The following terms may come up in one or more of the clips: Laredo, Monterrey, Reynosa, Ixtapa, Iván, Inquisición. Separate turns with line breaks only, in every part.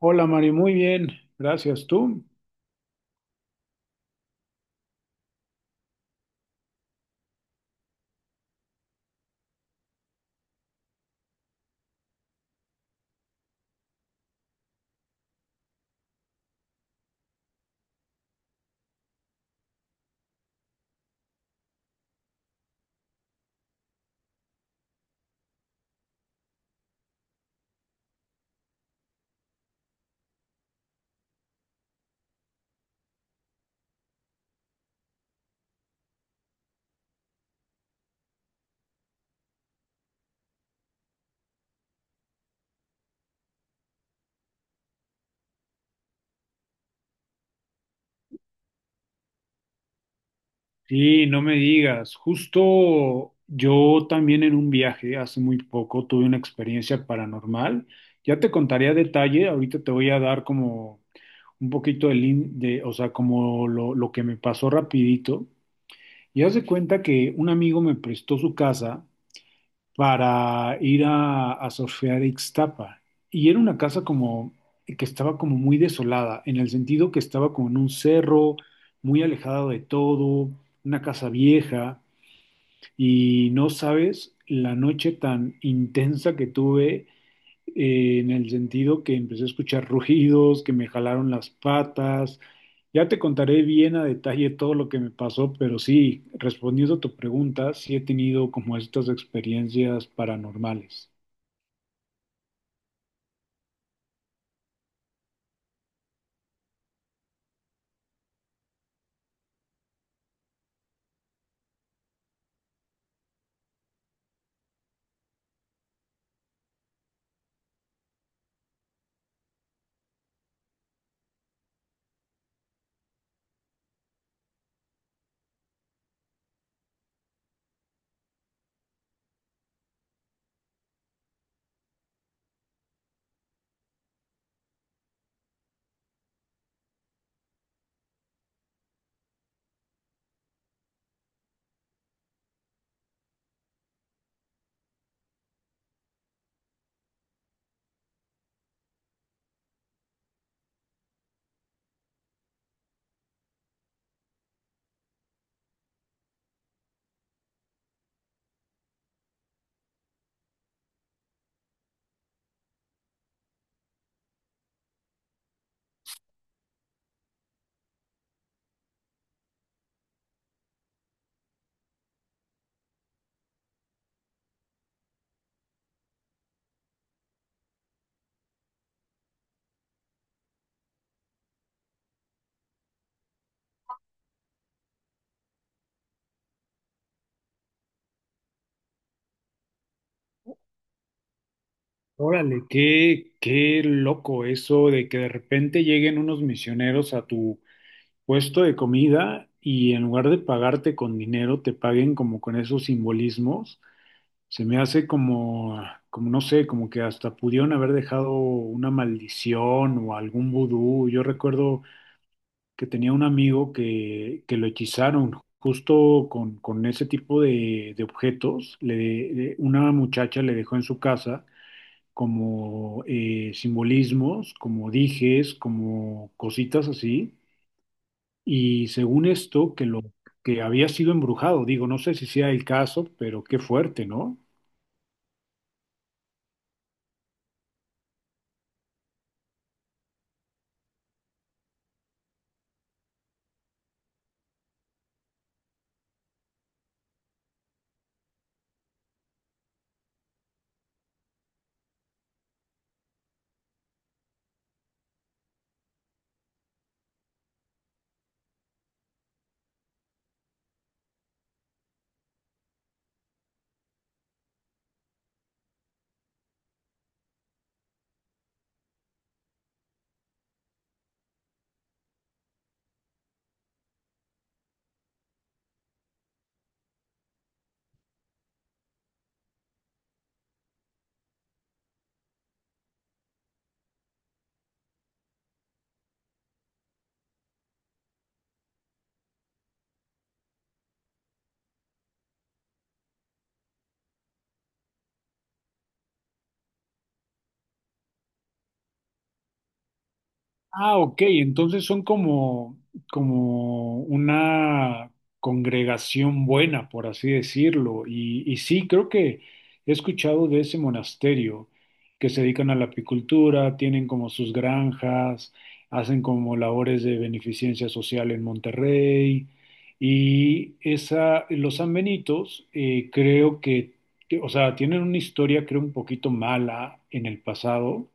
Hola Mari, muy bien, gracias. ¿Tú? Sí, no me digas. Justo yo también en un viaje hace muy poco tuve una experiencia paranormal. Ya te contaré a detalle, ahorita te voy a dar como un poquito de lo que me pasó rapidito. Y haz de cuenta que un amigo me prestó su casa para ir a surfear a Ixtapa. Y era una casa como que estaba como muy desolada, en el sentido que estaba como en un cerro, muy alejada de todo, una casa vieja, y no sabes la noche tan intensa que tuve en el sentido que empecé a escuchar rugidos, que me jalaron las patas. Ya te contaré bien a detalle todo lo que me pasó, pero sí, respondiendo a tu pregunta, sí he tenido como estas experiencias paranormales. Órale, qué loco eso de que de repente lleguen unos misioneros a tu puesto de comida y en lugar de pagarte con dinero, te paguen como con esos simbolismos. Se me hace como, como no sé, como que hasta pudieron haber dejado una maldición o algún vudú. Yo recuerdo que tenía un amigo que lo hechizaron justo con ese tipo de objetos. Una muchacha le dejó en su casa como simbolismos, como dijes, como cositas así. Y según esto, que lo que había sido embrujado, digo, no sé si sea el caso, pero qué fuerte, ¿no? Ah, ok, entonces son como, como una congregación buena, por así decirlo. Y sí, creo que he escuchado de ese monasterio que se dedican a la apicultura, tienen como sus granjas, hacen como labores de beneficencia social en Monterrey. Y esa, los sanbenitos, creo que, tienen una historia, creo, un poquito mala en el pasado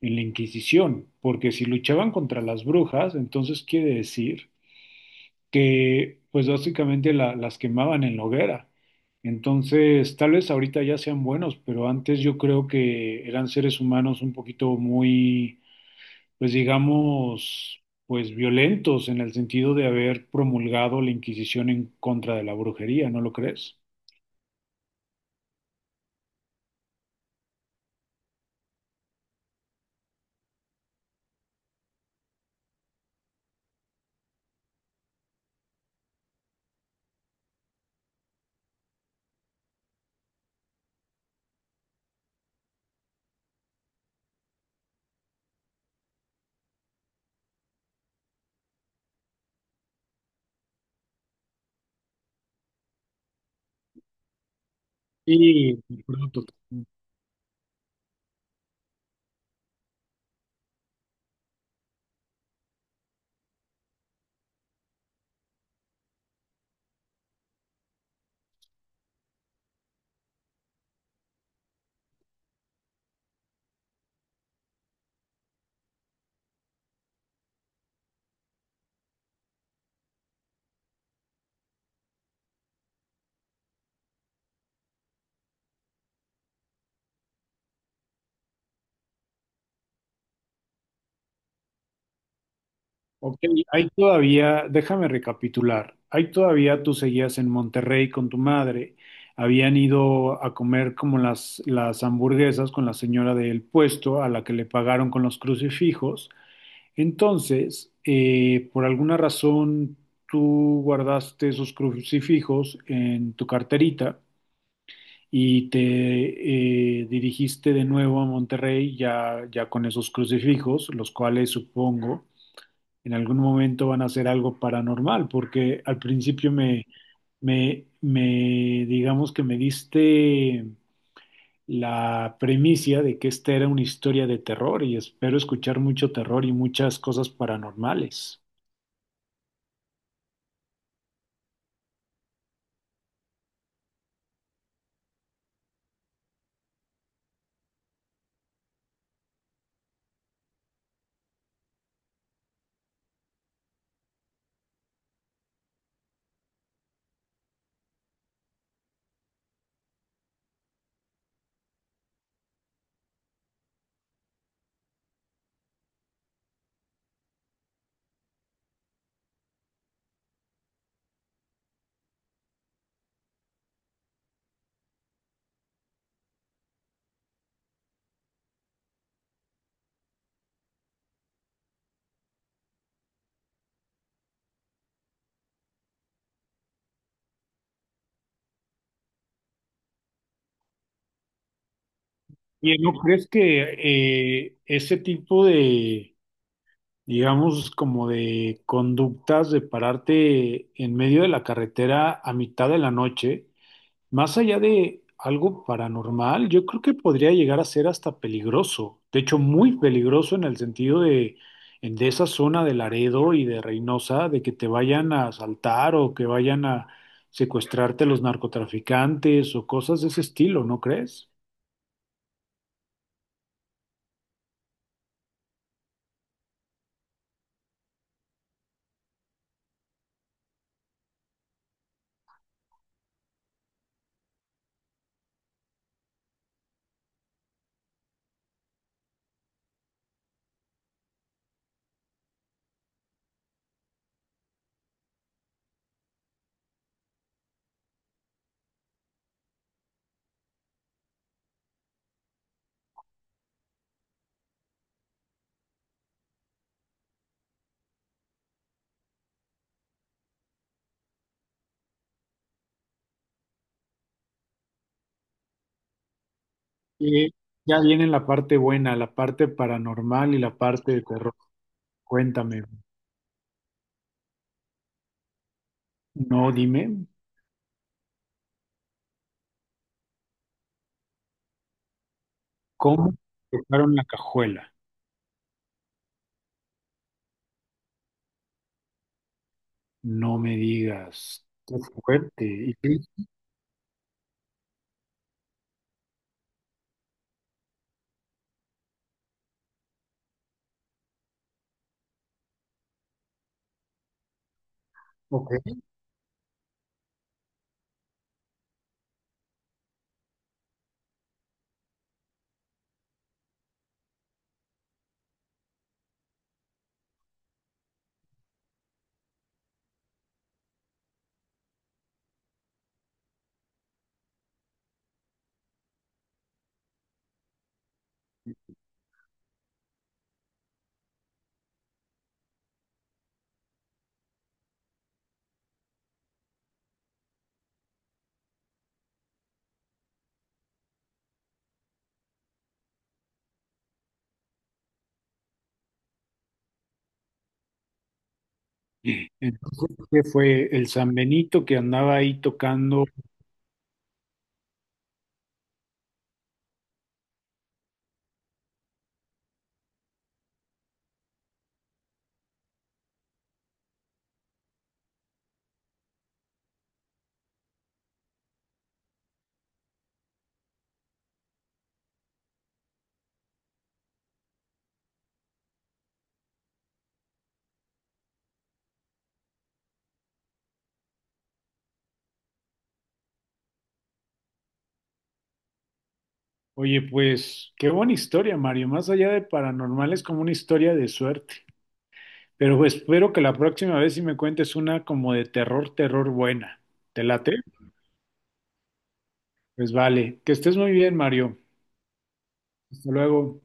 en la Inquisición, porque si luchaban contra las brujas, entonces quiere decir que pues básicamente las quemaban en la hoguera. Entonces, tal vez ahorita ya sean buenos, pero antes yo creo que eran seres humanos un poquito muy, pues digamos, pues violentos en el sentido de haber promulgado la Inquisición en contra de la brujería, ¿no lo crees? Sí. Ok, ahí todavía, déjame recapitular, ahí todavía tú seguías en Monterrey con tu madre, habían ido a comer como las hamburguesas con la señora del puesto a la que le pagaron con los crucifijos, entonces, por alguna razón, tú guardaste esos crucifijos en tu carterita y te dirigiste de nuevo a Monterrey ya, ya con esos crucifijos, los cuales supongo en algún momento van a hacer algo paranormal, porque al principio me, digamos que me diste la premisa de que esta era una historia de terror y espero escuchar mucho terror y muchas cosas paranormales. ¿Y no crees que ese tipo de, digamos, como de conductas de pararte en medio de la carretera a mitad de la noche, más allá de algo paranormal, yo creo que podría llegar a ser hasta peligroso? De hecho, muy peligroso en el sentido de, de esa zona de Laredo y de Reynosa, de que te vayan a asaltar o que vayan a secuestrarte los narcotraficantes o cosas de ese estilo, ¿no crees? Y ya viene la parte buena, la parte paranormal y la parte de terror. Cuéntame, no, dime, ¿cómo tocaron la cajuela? No me digas, qué fuerte. ¿Y qué? Entonces, ¿qué fue el San Benito que andaba ahí tocando? Oye, pues qué buena historia, Mario. Más allá de paranormal, es como una historia de suerte. Pero pues espero que la próxima vez si me cuentes una como de terror, terror buena. ¿Te late? Pues vale. Que estés muy bien, Mario. Hasta luego.